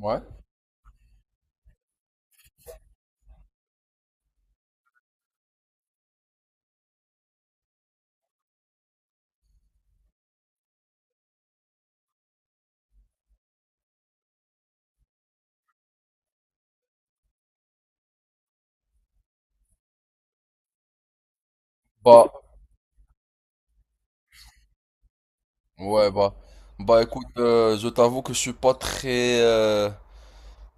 Ouais. Bah, ouais, bah. Bah écoute, je t'avoue que je suis pas très,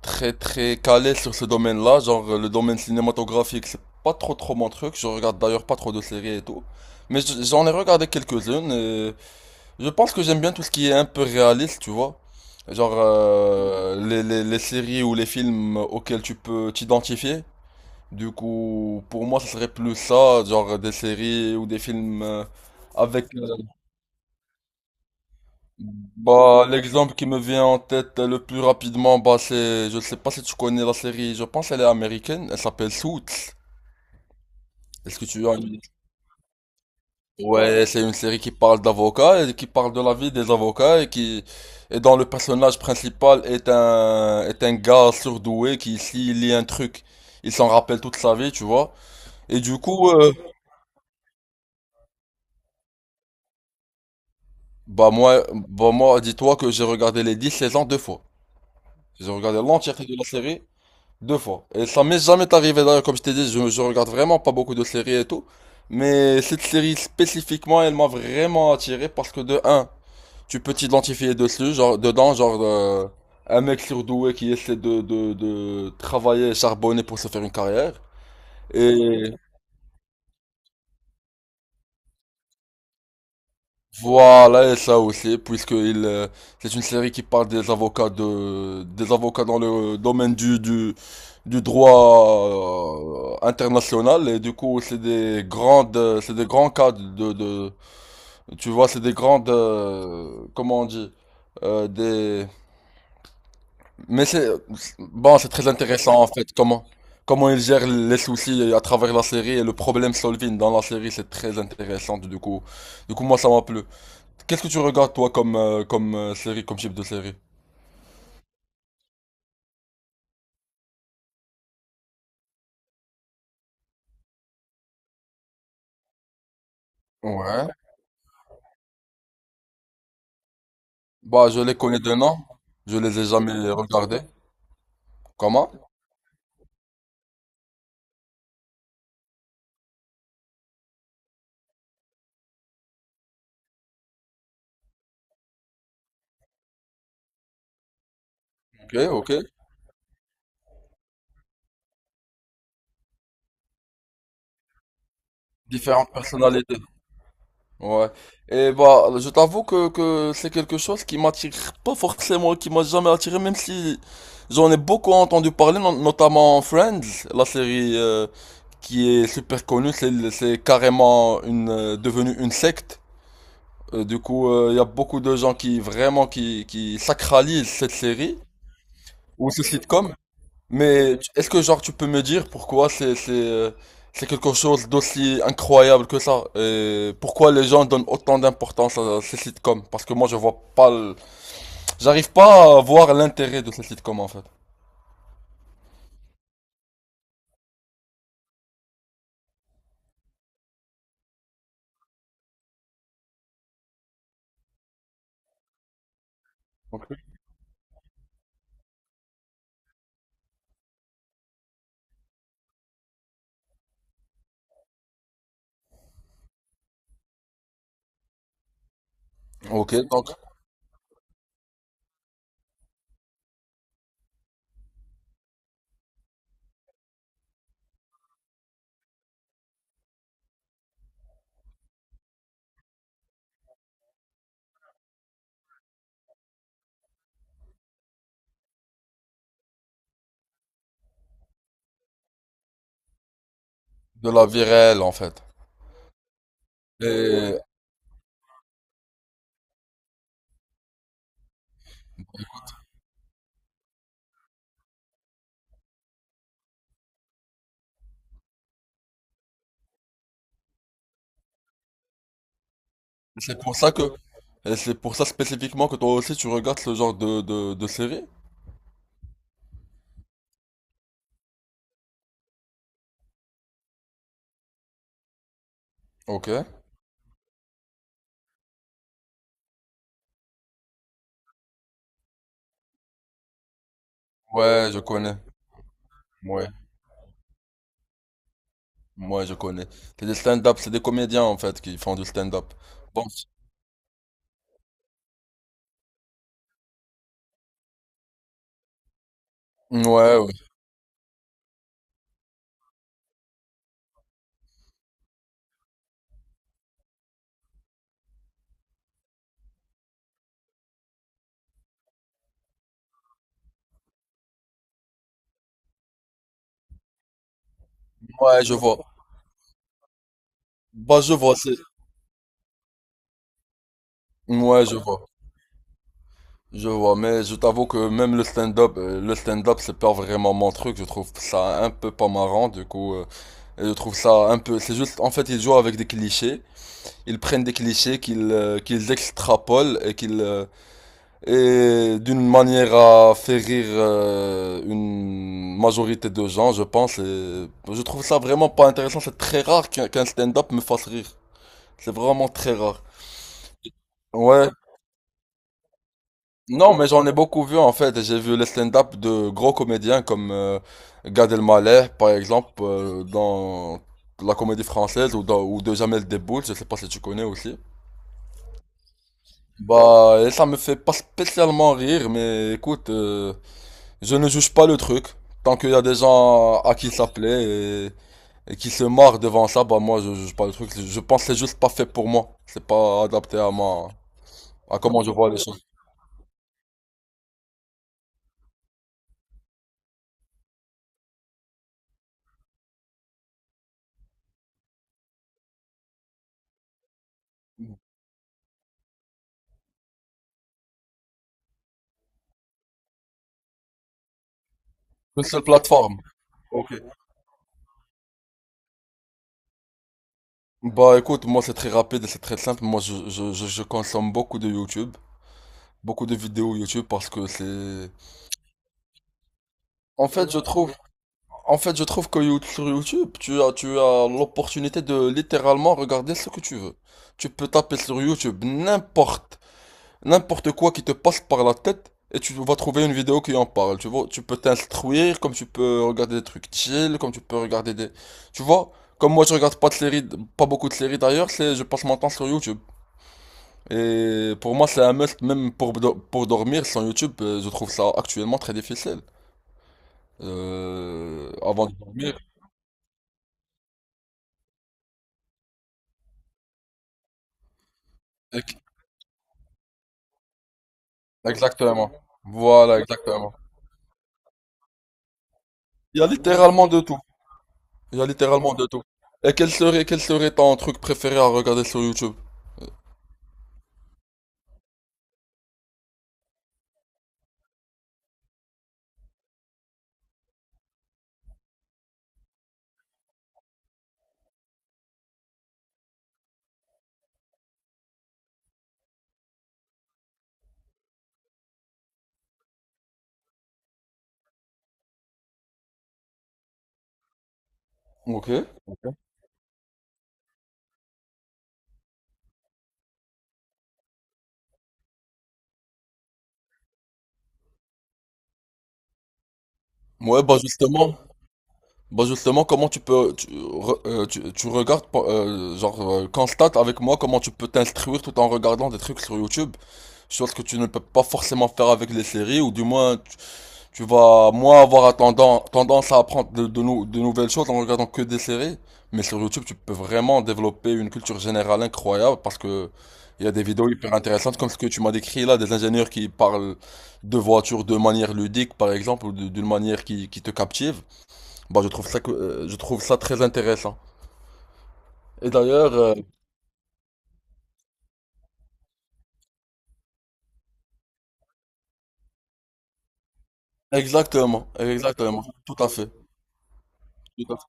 très, très calé sur ce domaine-là. Genre, le domaine cinématographique, c'est pas trop mon truc. Je regarde d'ailleurs pas trop de séries et tout. Mais j'en ai regardé quelques-unes et je pense que j'aime bien tout ce qui est un peu réaliste, tu vois. Genre, les, les séries ou les films auxquels tu peux t'identifier. Du coup, pour moi, ce serait plus ça, genre des séries ou des films avec... Bah, l'exemple qui me vient en tête le plus rapidement, bah, c'est, je sais pas si tu connais la série, je pense elle est américaine, elle s'appelle Suits. Est-ce que tu as une... Ouais, c'est une série qui parle d'avocats et qui parle de la vie des avocats et qui, et dont le personnage principal est un gars surdoué qui, s'il lit un truc, il s'en rappelle toute sa vie, tu vois. Et du coup, bah, moi, dis-toi que j'ai regardé les 10 saisons deux fois. J'ai regardé l'entièreté de la série. Deux fois. Et ça m'est jamais arrivé d'ailleurs, comme je t'ai dit, je regarde vraiment pas beaucoup de séries et tout. Mais cette série spécifiquement, elle m'a vraiment attiré parce que de un, tu peux t'identifier dessus, genre dedans, genre un mec surdoué qui essaie de travailler et charbonner pour se faire une carrière. Et voilà, et ça aussi, puisque il, c'est une série qui parle des avocats de, des avocats dans le domaine du droit international, et du coup, c'est des grandes, c'est des grands cas tu vois, c'est des grandes, comment on dit, euh, des, mais c'est, bon, c'est très intéressant en fait, comment ils gèrent les soucis à travers la série et le problème solving dans la série, c'est très intéressant, du coup, moi, ça m'a plu. Qu'est-ce que tu regardes toi comme, série, comme type de série? Ouais. Bah, je les connais de nom, je les ai jamais regardés. Comment? Ok, ok. Différentes personnalités. Ouais. Et bah, je t'avoue que c'est quelque chose qui m'attire pas forcément, qui m'a jamais attiré, même si j'en ai beaucoup entendu parler, notamment Friends, la série qui est super connue, c'est carrément une devenue une secte. Du coup, il y a beaucoup de gens qui vraiment qui sacralisent cette série. Ou ce sitcom, mais est-ce que genre tu peux me dire pourquoi c'est quelque chose d'aussi incroyable que ça et pourquoi les gens donnent autant d'importance à ces sitcoms? Parce que moi je vois pas j'arrive pas à voir l'intérêt de ces sitcoms en fait. Ok. Ok, donc de la vie réelle en fait. Et c'est pour ça que et c'est pour ça spécifiquement que toi aussi tu regardes ce genre de série? Ok. Ouais, je connais. Ouais, moi je connais. C'est des stand-up, c'est des comédiens en fait qui font du stand-up. Bon, ouais, ouais, je vois. Bah, je vois, c'est... Ouais, je vois. Je vois, mais je t'avoue que même le stand-up, c'est pas vraiment mon truc. Je trouve ça un peu pas marrant, du coup. Et je trouve ça un peu... C'est juste, en fait, ils jouent avec des clichés. Ils prennent des clichés qu'ils extrapolent et et d'une manière à faire rire une majorité de gens, je pense. Et je trouve ça vraiment pas intéressant. C'est très rare qu'un stand-up me fasse rire. C'est vraiment très rare. Ouais, non, mais j'en ai beaucoup vu en fait. J'ai vu les stand-up de gros comédiens comme Gad Elmaleh, par exemple, dans la comédie française ou, ou de Jamel Debbouze. Je sais pas si tu connais aussi. Bah, et ça me fait pas spécialement rire, mais écoute, je ne juge pas le truc. Tant qu'il y a des gens à qui ça plaît et qui se marrent devant ça, bah moi je juge pas le truc. Je pense que c'est juste pas fait pour moi. C'est pas adapté à ma, à comment je vois les choses. Une seule plateforme. Ok. Bah écoute, moi c'est très rapide et c'est très simple. Moi je consomme beaucoup de YouTube, beaucoup de vidéos YouTube parce que c'est... En fait je trouve, en fait je trouve que sur YouTube, tu as l'opportunité de littéralement regarder ce que tu veux. Tu peux taper sur YouTube n'importe, n'importe quoi qui te passe par la tête et tu vas trouver une vidéo qui en parle. Tu vois, tu peux t'instruire comme tu peux regarder des trucs chill, comme tu peux regarder des... Tu vois, comme moi je regarde pas de séries, pas beaucoup de séries d'ailleurs, c'est je passe mon temps sur YouTube. Et pour moi, c'est un must, même pour, pour dormir sans YouTube, je trouve ça actuellement très difficile. Avant de dormir. Ec- Exactement. Voilà, exactement. Il y a littéralement de tout. Il y a littéralement de tout. Et quel serait ton truc préféré à regarder sur YouTube? Ok. Ouais, bah justement, comment tu peux, tu regardes, constate avec moi comment tu peux t'instruire tout en regardant des trucs sur YouTube, chose que tu ne peux pas forcément faire avec les séries, ou du moins, tu vas moins avoir tendance à apprendre de nouvelles choses en regardant que des séries. Mais sur YouTube, tu peux vraiment développer une culture générale incroyable parce que il y a des vidéos hyper intéressantes comme ce que tu m'as décrit là, des ingénieurs qui parlent de voitures de manière ludique, par exemple, d'une manière qui te captive. Bah, je trouve ça, je trouve ça très intéressant. Et d'ailleurs, exactement, exactement, tout à fait, tout à fait,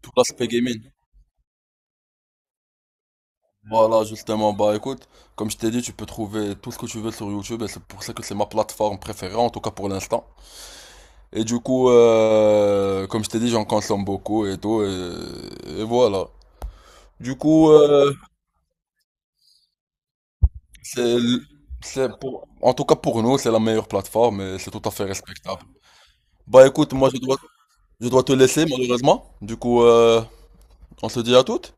tout l'aspect gaming. Voilà, justement, bah écoute, comme je t'ai dit, tu peux trouver tout ce que tu veux sur YouTube et c'est pour ça que c'est ma plateforme préférée, en tout cas pour l'instant. Et du coup, comme je t'ai dit, j'en consomme beaucoup et tout, et voilà. Du coup, c'est, l- c'est pour, en tout cas pour nous, c'est la meilleure plateforme et c'est tout à fait respectable. Bah écoute, moi je dois te laisser malheureusement. Du coup, on se dit à toutes.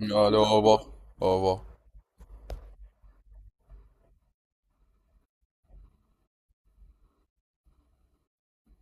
Allez, au revoir. Au revoir.